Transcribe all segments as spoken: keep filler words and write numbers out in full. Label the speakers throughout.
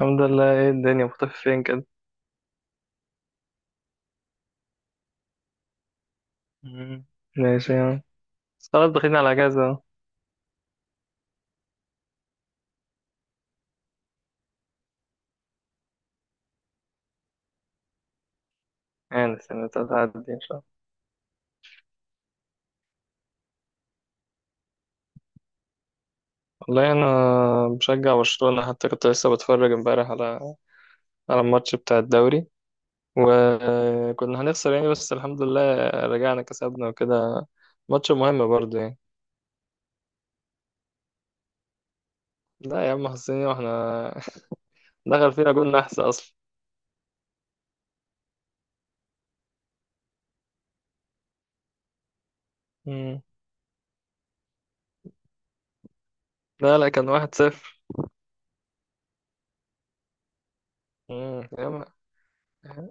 Speaker 1: الحمد لله. ايه الدنيا مختفي فين كده؟ مم. ماشي يعني. بس خلاص داخلين على اجازة أهو. يعني السنة تعدي ان شاء الله. والله انا بشجع برشلونة، حتى كنت لسه بتفرج امبارح على على الماتش بتاع الدوري. وكنا هنخسر يعني، بس الحمد لله رجعنا كسبنا وكده. ماتش مهم برضه يعني. لا يا عم حسيني، واحنا دخل فينا جول نحس اصلا. مم. لا لا كان واحد صفر. مم. يا عم،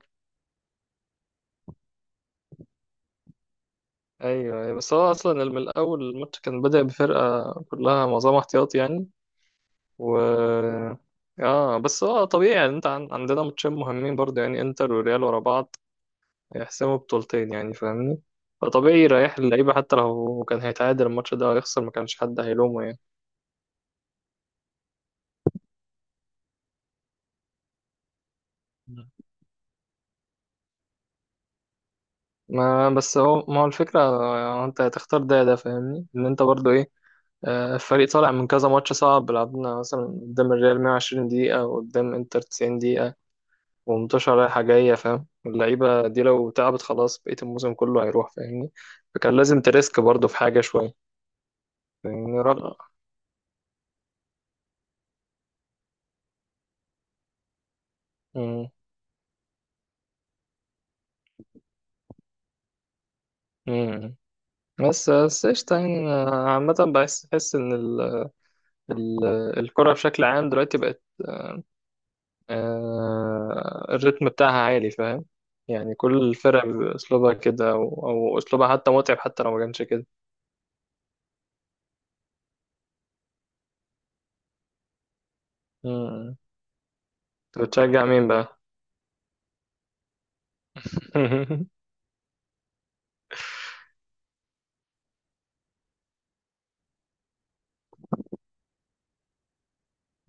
Speaker 1: ايوه أيوة. بس هو اصلا من الاول الماتش كان بدأ بفرقه كلها معظمها احتياطي يعني. و اه، بس هو طبيعي يعني. انت عن... عندنا ماتشين مهمين برضه يعني، انتر وريال ورا بعض، هيحسموا بطولتين يعني، فاهمني؟ فطبيعي يريح اللعيبه، حتى لو كان هيتعادل الماتش ده هيخسر ما كانش حد هيلومه يعني. مم. ما بس هو ما هو الفكرة، آه، انت هتختار ده ده، فاهمني ان انت برضو ايه. آه، الفريق طالع من كذا ماتش صعب. لعبنا مثلا قدام الريال مية وعشرين دقيقة، وقدام انتر تسعين ومنتشرة رايحة جاية، فاهم؟ اللعيبة دي لو تعبت خلاص بقية الموسم كله هيروح، فاهمني؟ فكان لازم تريسك برضه في حاجة شوية. فاهمني؟ رغم. مم. مم. بس بس قشطة يعني. أنا عامة بحس بحس إن ال... ال... الكرة بشكل عام دلوقتي بقت، آه... الريتم بتاعها عالي، فاهم؟ يعني كل الفرق بأسلوبها كده، أو... أو أسلوبها حتى متعب، حتى لو ما كانش كده. مم. أنت بتشجع مين بقى؟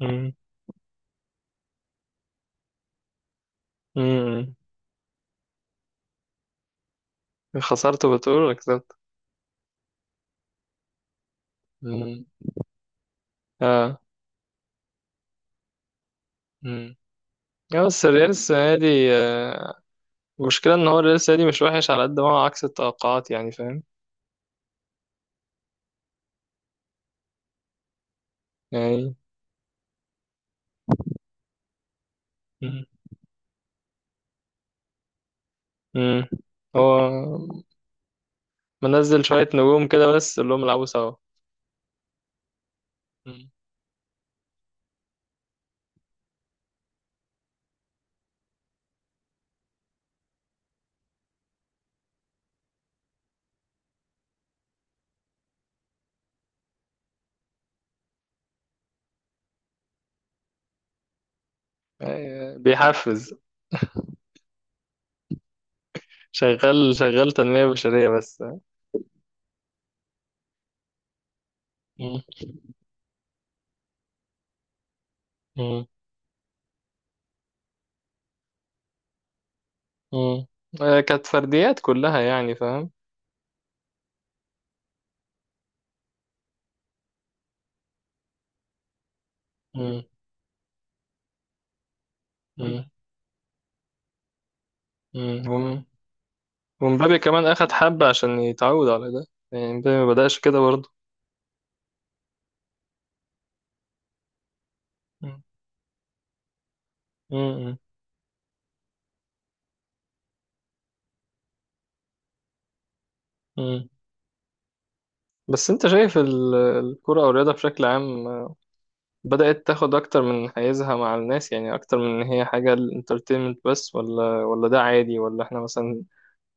Speaker 1: مم. مم. خسرت بتقول ولا كسبت؟ اه. امم. اه بس الريال السنة دي، آه، المشكلة ان هو الريال السنة دي مش وحش على قد ما هو عكس التوقعات، يعني فاهم؟ يعني. مم. مم. هو منزل شوية نجوم كده بس اللي هم يلعبوا سوا. مم. آه، بيحفز. شغال شغال تنمية بشرية بس. مم. مم. مم. آه، كانت فرديات كلها يعني فاهم. مم. مم. مم. وم- ومبابي كمان أخد حبة عشان يتعود على ده. يعني مبابي ما بدأش كده برضه. مم. مم. بس انت شايف ال- الكرة او الرياضة بشكل عام بدأت تاخد اكتر من حيزها مع الناس، يعني اكتر من ان هي حاجة الانترتينمنت بس، ولا ولا ده عادي، ولا احنا مثلا،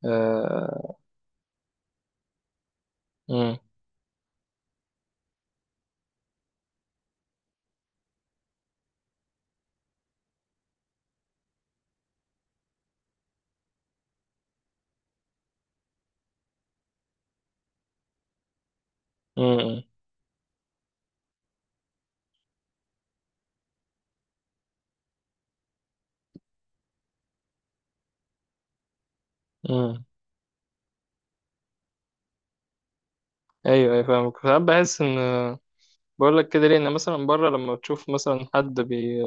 Speaker 1: آه. مم. مم. مم. ايوه ايوه، فاهمك. ساعات بحس ان، بقول لك كده ليه، ان مثلا بره لما تشوف مثلا حد بي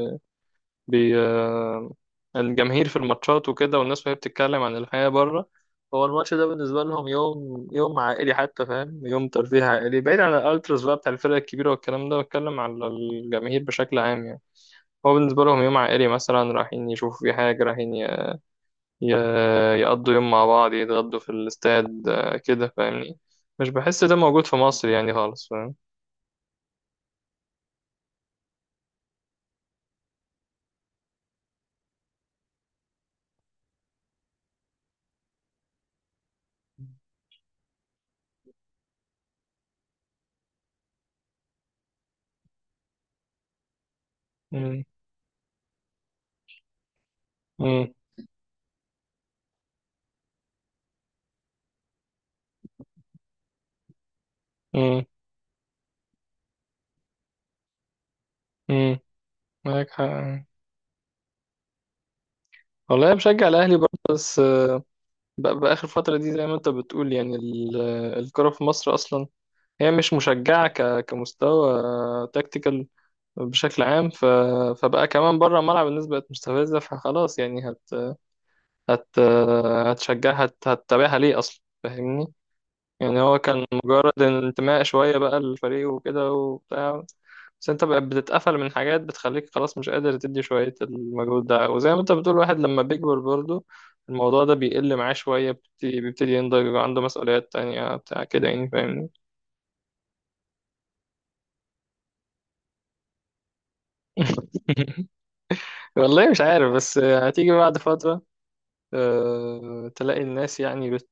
Speaker 1: بي آه، الجماهير في الماتشات وكده، والناس وهي بتتكلم عن الحياة بره، هو الماتش ده بالنسبة لهم يوم، يوم عائلي حتى، فاهم؟ يوم ترفيه عائلي، بعيد عن الالتراس بقى بتاع الفرق الكبيرة والكلام ده. بتكلم على الجماهير بشكل عام يعني. هو بالنسبة لهم يوم عائلي، مثلا رايحين يشوفوا في حاجة، رايحين ي- ي- يقضوا يوم مع بعض، يتغدوا في الاستاد آه، كده، فاهمني؟ مش بحس ده موجود في مصر يعني خالص، فاهم؟ مم. مم. مم. مم. معاك حق. والله أنا بشجع الأهلي برضه، بس بقى بقى آخر فترة دي زي ما أنت بتقول يعني، ال- الكرة في مصر أصلا هي مش مشجعة ك- كمستوى تكتيكال بشكل عام. ف... فبقى كمان بره الملعب الناس بقت مستفزة، فخلاص يعني هت... هت... هتشجعها، هت... هتتابعها ليه أصلا، فاهمني؟ يعني هو كان مجرد انتماء شوية بقى للفريق وكده وبتاع. بس انت بقى بتتقفل من حاجات بتخليك خلاص مش قادر تدي شوية المجهود ده. وزي ما انت بتقول، الواحد لما بيكبر برضه الموضوع ده بيقل معاه شوية، بيبتدي بيبتدي ينضج، يبقى عنده مسؤوليات تانية بتاع كده يعني، فاهمني؟ والله مش عارف، بس هتيجي بعد فترة آه، تلاقي الناس يعني بت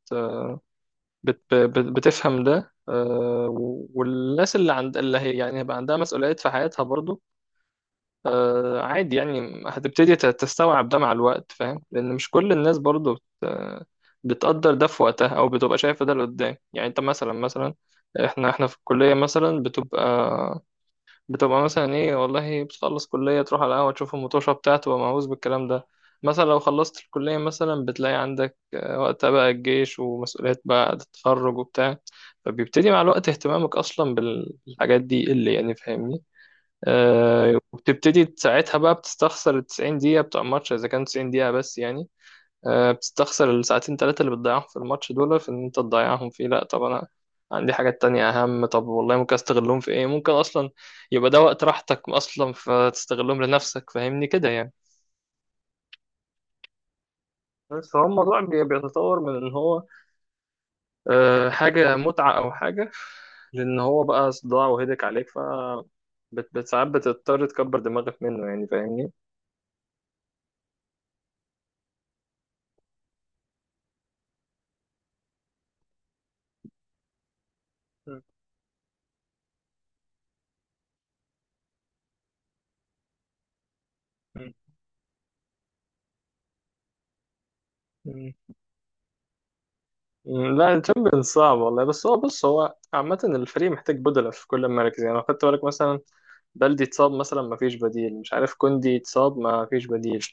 Speaker 1: بت بت بتفهم ده آه، والناس اللي عند اللي هي يعني، هيبقى عندها مسؤوليات في حياتها برضو. آه، عادي يعني، هتبتدي ت- تستوعب ده مع الوقت، فاهم؟ لأن مش كل الناس برضو بت... بتقدر ده في وقتها، أو بتبقى شايفة ده لقدام يعني. أنت مثلا، مثلا إحنا، إحنا في الكلية مثلا بتبقى، بتبقى مثلا إيه، والله بتخلص كلية تروح على القهوة تشوف المطوشة بتاعته، تبقى مهووس بالكلام ده. مثلا لو خلصت الكلية مثلا بتلاقي عندك آه، وقتها بقى الجيش ومسؤوليات بعد التخرج وبتاع. فبيبتدي مع الوقت اهتمامك أصلا بالحاجات دي اللي، يعني فاهمني؟ آه، وبتبتدي ساعتها بقى بتستخسر ال تسعين دقيقة بتوع الماتش، إذا كان تسعين دقيقة بس يعني. آه، بتستخسر الساعتين تلاتة اللي بتضيعهم في الماتش دول، في إن أنت تضيعهم فيه. لأ، طب أنا عندي حاجات تانية أهم. طب والله ممكن أستغلهم في إيه؟ ممكن أصلا يبقى ده وقت راحتك أصلا فتستغلهم لنفسك، فاهمني كده يعني. بس هو الموضوع بي- بيتطور من إن هو آه، حاجة متعة أو حاجة، لأن هو بقى صداع وهدك عليك، ف بت- بت- ساعات بتضطر تكبر دماغك منه يعني، فاهمني؟ مم. مم، لا الشامبيونز صعب والله. بس هو بص، هو عامة الفريق محتاج بدلة في كل المراكز يعني. لو خدت بالك مثلا، بلدي اتصاب مثلا ما فيش بديل، مش عارف كوندي اتصاب ما فيش بديل،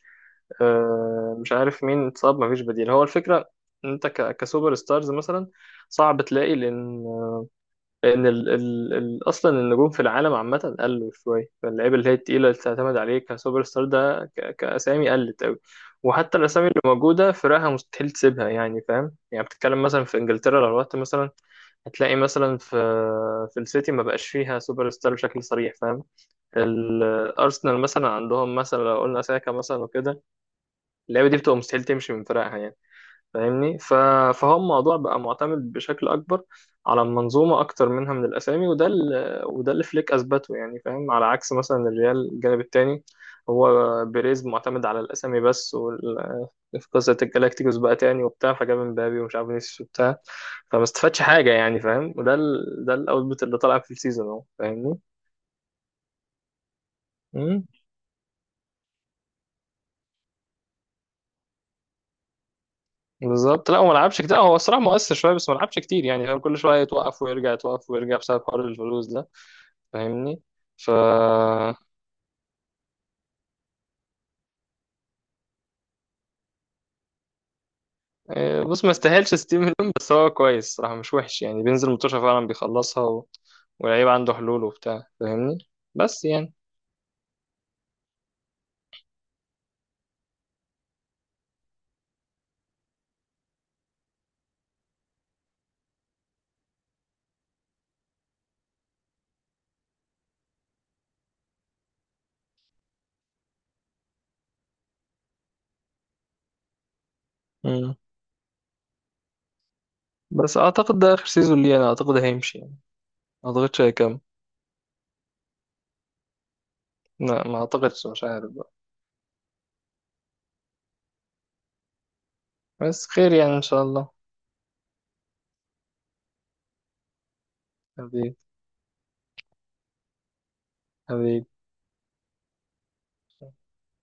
Speaker 1: آه، مش عارف مين اتصاب ما فيش بديل. هو الفكرة إن انت ك- كسوبر ستارز مثلا صعب تلاقي، لان، لأن ال ال ال أصلا النجوم في العالم عامة قلوا شوية. فاللعيبة اللي هي التقيلة اللي تعتمد عليه كسوبر ستار ده ك كأسامي قلت أوي. وحتى الأسامي اللي موجودة فرقها مستحيل تسيبها يعني، فاهم يعني؟ بتتكلم مثلا في إنجلترا، لو رحت مثلا هتلاقي مثلا في، في السيتي ما بقاش فيها سوبر ستار بشكل صريح، فاهم؟ الأرسنال مثلا عندهم مثلا لو قلنا ساكا مثلا وكده، اللعيبة دي بتبقى مستحيل تمشي من فرقها يعني، فاهمني؟ ف... فهو الموضوع بقى معتمد بشكل اكبر على المنظومه اكتر منها من الاسامي. وده ال... وده اللي فليك اثبته يعني، فاهم؟ على عكس مثلا الريال الجانب التاني، هو بيريز معتمد على الاسامي بس، وال... في قصه الجالاكتيكوس بقى تاني وبتاع، فجاب مبابي ومش عارف فينيسيوس وبتاع، فما استفادش حاجه يعني، فاهم؟ وده ال... ده الاوتبوت اللي طلع في السيزون اهو، فاهمني؟ امم. بالظبط، لا هو ما لعبش كتير. هو الصراحه مؤثر شويه بس ما لعبش كتير يعني، فاهم؟ كل شويه يتوقف ويرجع، يتوقف ويرجع بسبب حوار الفلوس ده، فاهمني؟ ف آه، بص ما استاهلش ستيف منهم، بس هو كويس صراحة، مش وحش يعني، بينزل متوشة فعلا بيخلصها، و... واللعيب عنده حلول وبتاع، فاهمني؟ بس يعني. مم. بس اعتقد ده اخر سيزون ليه، انا اعتقد هيمشي يعني، ما اعتقدش هيكمل. لا، ما اعتقدش، مش عارف بقى، بس خير يعني ان شاء الله. حبيبي. حبيبي.